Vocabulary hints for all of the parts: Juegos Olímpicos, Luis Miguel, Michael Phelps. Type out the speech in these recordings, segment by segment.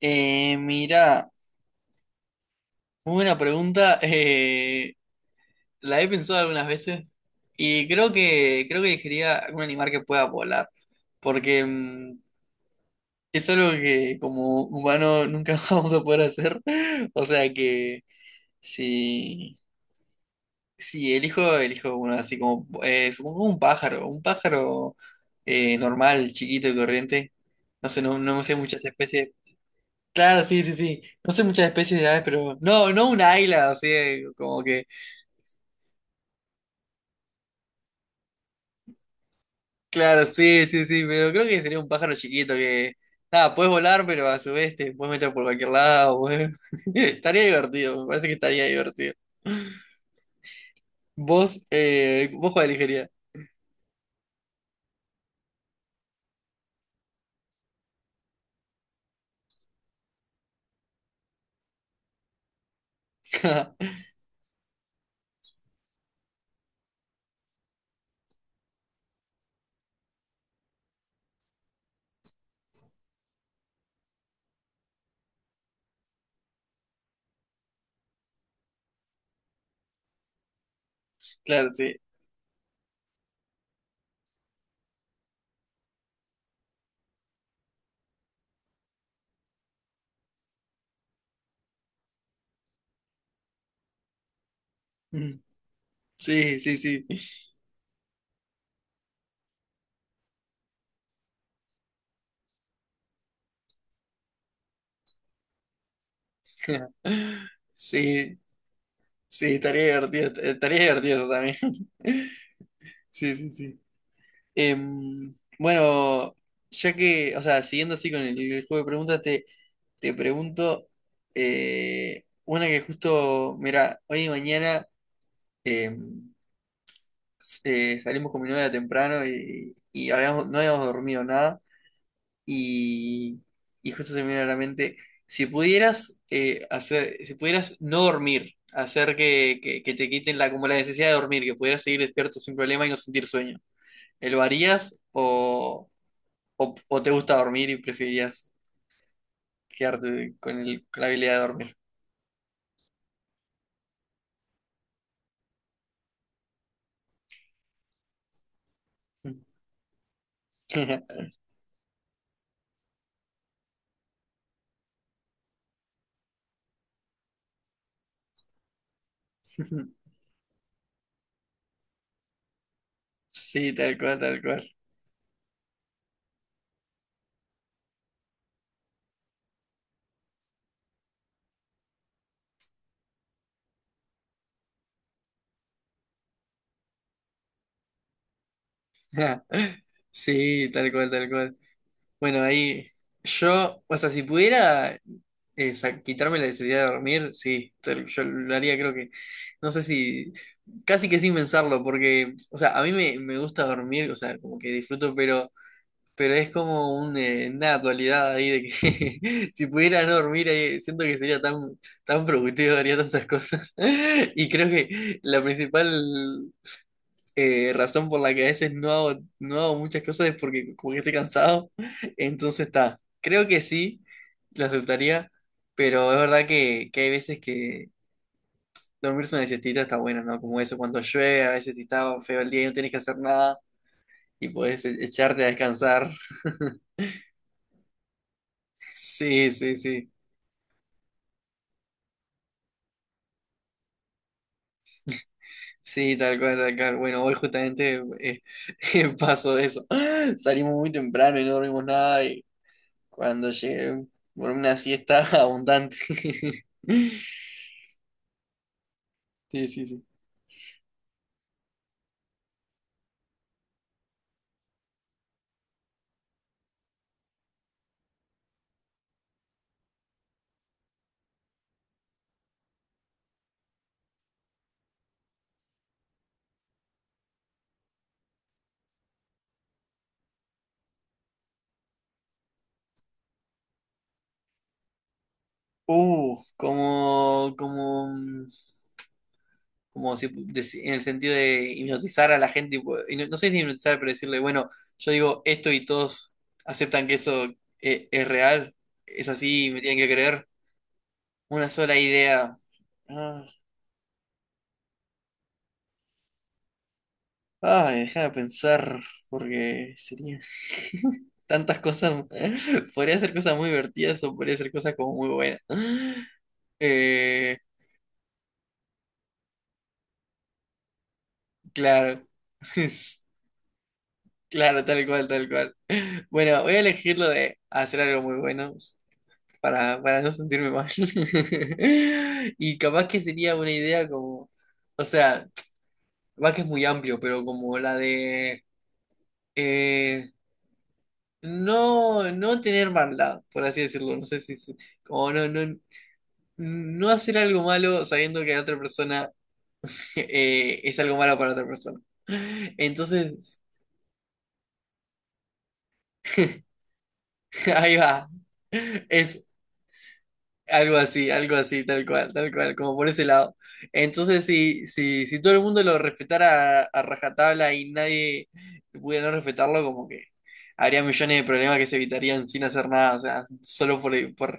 Mira, muy buena pregunta. La he pensado algunas veces y creo que elegiría algún animal que pueda volar, porque es algo que como humano nunca vamos a poder hacer. O sea que si si elijo uno así como supongo un pájaro, un pájaro normal, chiquito y corriente. No sé, no sé muchas especies. Claro, sí, sí, sí. No sé muchas especies de aves, pero no un águila, o sea, como que, claro, sí, sí, sí, pero creo que sería un pájaro chiquito que, nada, puedes volar, pero a su vez te puedes meter por cualquier lado, Estaría divertido, me parece que estaría divertido. Vos, vos cuál elegirías. Claro, sí. Mm, sí, sí, sí. Sí, sí, estaría divertido eso también. Sí, sí, sí. Bueno, ya que, o sea, siguiendo así con el juego de preguntas, te pregunto una que justo, mira, hoy y mañana em, s- salimos con mi novia temprano no habíamos dormido nada y, y justo se me vino a la mente, si pudieras hacer, si pudieras no dormir, hacer que te quiten la, como la necesidad de dormir, que pudieras seguir despierto sin problema y no sentir sueño, ¿lo harías o... O, o te gusta dormir y preferirías quedarte con con la habilidad de dormir. Sí, tal cual, tal cual. Sí, tal cual, tal cual. Bueno, ahí yo, o sea, si pudiera quitarme la necesidad de dormir, sí, tal- yo lo haría, creo que, no sé si, casi que sin pensarlo, porque, o sea, a mí me gusta dormir, o sea, como que disfruto, pero... Pero es como un, una dualidad ahí de que si pudiera no dormir, siento que sería tan, tan productivo, haría tantas cosas. Y creo que la principal razón por la que a veces no hago muchas cosas es porque como que estoy cansado. Entonces está, creo que sí, lo aceptaría, pero es verdad que hay veces que dormirse una siestita está bueno, ¿no? Como eso cuando llueve, a veces si está feo el día y no tienes que hacer nada y puedes echarte a descansar. Sí, sí, sí, sí, tal cual, tal cual. Bueno, hoy justamente pasó eso. Salimos muy temprano y no dormimos nada y cuando llegué, dormí una siesta abundante. Sí, sí, sí. Uh, como, como, mm, como si en el sentido de hipnotizar a la gente, tipo, y no, no sé si hipnotizar, pero decirle, bueno, yo digo esto y todos aceptan que eso es real, es así, me tienen que creer. Una sola idea. Ah. Ah, deja de pensar, porque sería tantas cosas. Podría ser cosas muy divertidas o podría ser cosas como muy buenas. Eh, claro. Es- Claro, tal cual, tal cual. Bueno, voy a elegir lo de hacer algo muy bueno para no sentirme mal. Y capaz que sería una idea como, o sea, capaz que es muy amplio, pero como la de... eh, no tener maldad, por así decirlo. No sé si como no hacer algo malo sabiendo que la otra persona es algo malo para otra persona. Entonces, ahí va. Es algo así, algo así, tal cual, como por ese lado. Entonces, si todo el mundo lo respetara a rajatabla y nadie pudiera no respetarlo, como que habría millones de problemas que se evitarían sin hacer nada. O sea, solo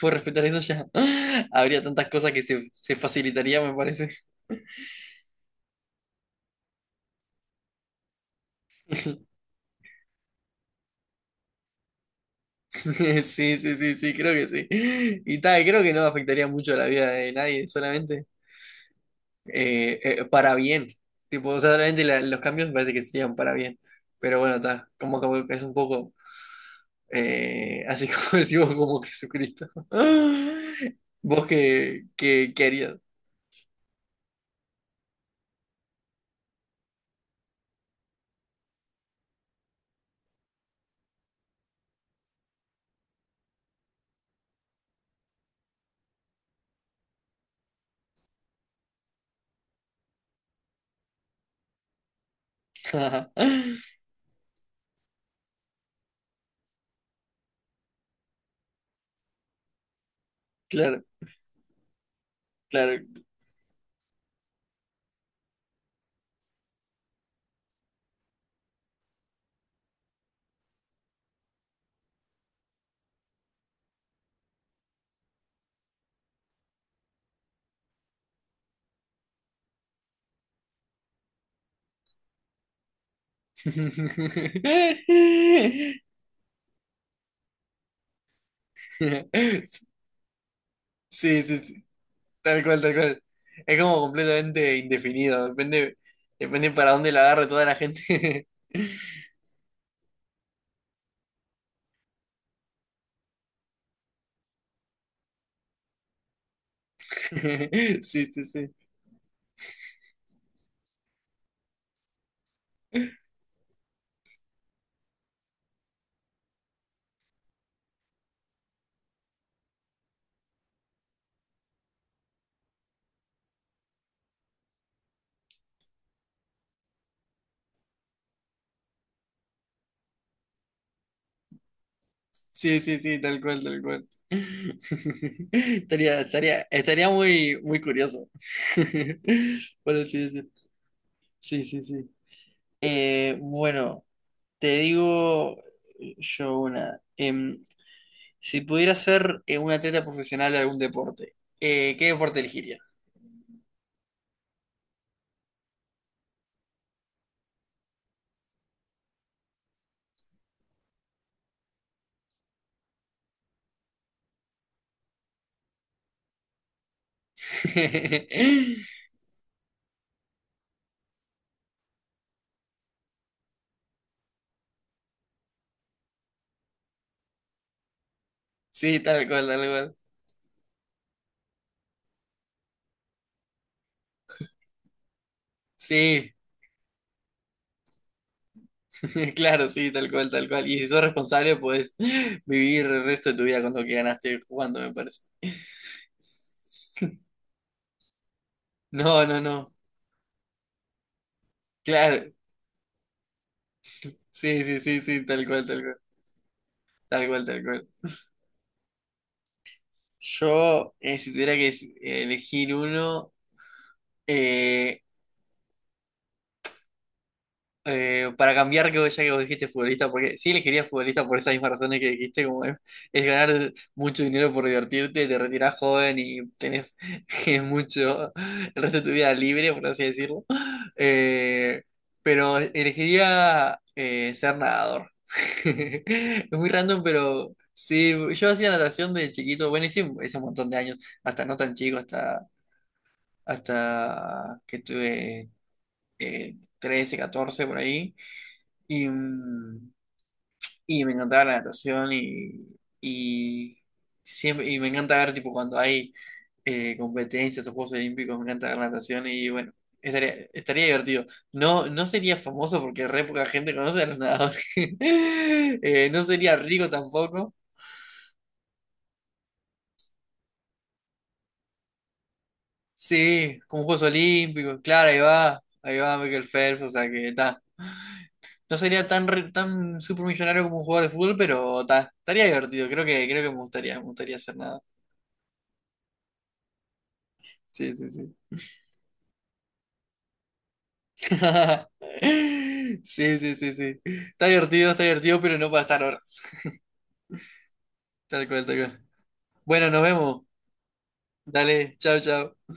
por respetar eso ya habría tantas cosas que se facilitaría, me parece. Sí, sí, sí, sí, creo que sí. Y tal, creo que no afectaría mucho a la vida de nadie, solamente. Para bien. Tipo, o sea, realmente los cambios me parece que serían para bien. Pero bueno, está, como que es un poco, así como decimos, como Jesucristo. ¿Vos qué harías? Claro, claro. Sí, sí, sí, tal cual, tal cual. Es como completamente indefinido, depende, depende para dónde la agarre toda la gente. Sí, sí, sí. Sí, sí, sí, tal cual, tal cual. Estaría, estaría, estaría muy, muy curioso. Por así decir. Sí, sí, sí. Bueno, te digo yo una. Si pudiera ser un atleta profesional de algún deporte, ¿qué deporte elegiría? Sí, tal cual, tal cual. Sí, claro, sí, tal cual, tal cual. Y si sos responsable, puedes vivir el resto de tu vida con lo que ganaste jugando, me parece. No, no, no. Claro. Sí, sí, sí, sí, tal cual, tal cual. Tal cual, tal cual. Yo, si tuviera que elegir uno, eh, para cambiar, ya que vos dijiste futbolista, porque sí elegiría futbolista por esas mismas razones que dijiste, como es ganar mucho dinero por divertirte, te retirás joven y tenés mucho el resto de tu vida libre, por así decirlo. Eh, pero elegiría ser nadador. Es muy random, pero sí, yo hacía natación de chiquito, bueno, hice ese montón de años, hasta no tan chico, hasta que tuve 13, 14 por ahí. Y, mm, y me encantaba la natación y siempre y me encanta ver tipo cuando hay competencias o Juegos Olímpicos, me encanta ver natación y bueno, estaría, estaría divertido. No, no sería famoso porque re poca gente conoce a los nadadores. No sería rico tampoco. Sí, como Juegos Olímpicos, claro, ahí va Michael Phelps, o sea que está. No sería tan super millonario como un jugador de fútbol, pero ta, estaría divertido, creo que me gustaría hacer nada. Sí, sí, sí. Sí, sí, sí, sí. Está divertido, pero no para estar ahora. Tal cual, tal cual. Bueno, nos vemos. Dale, chao, chao.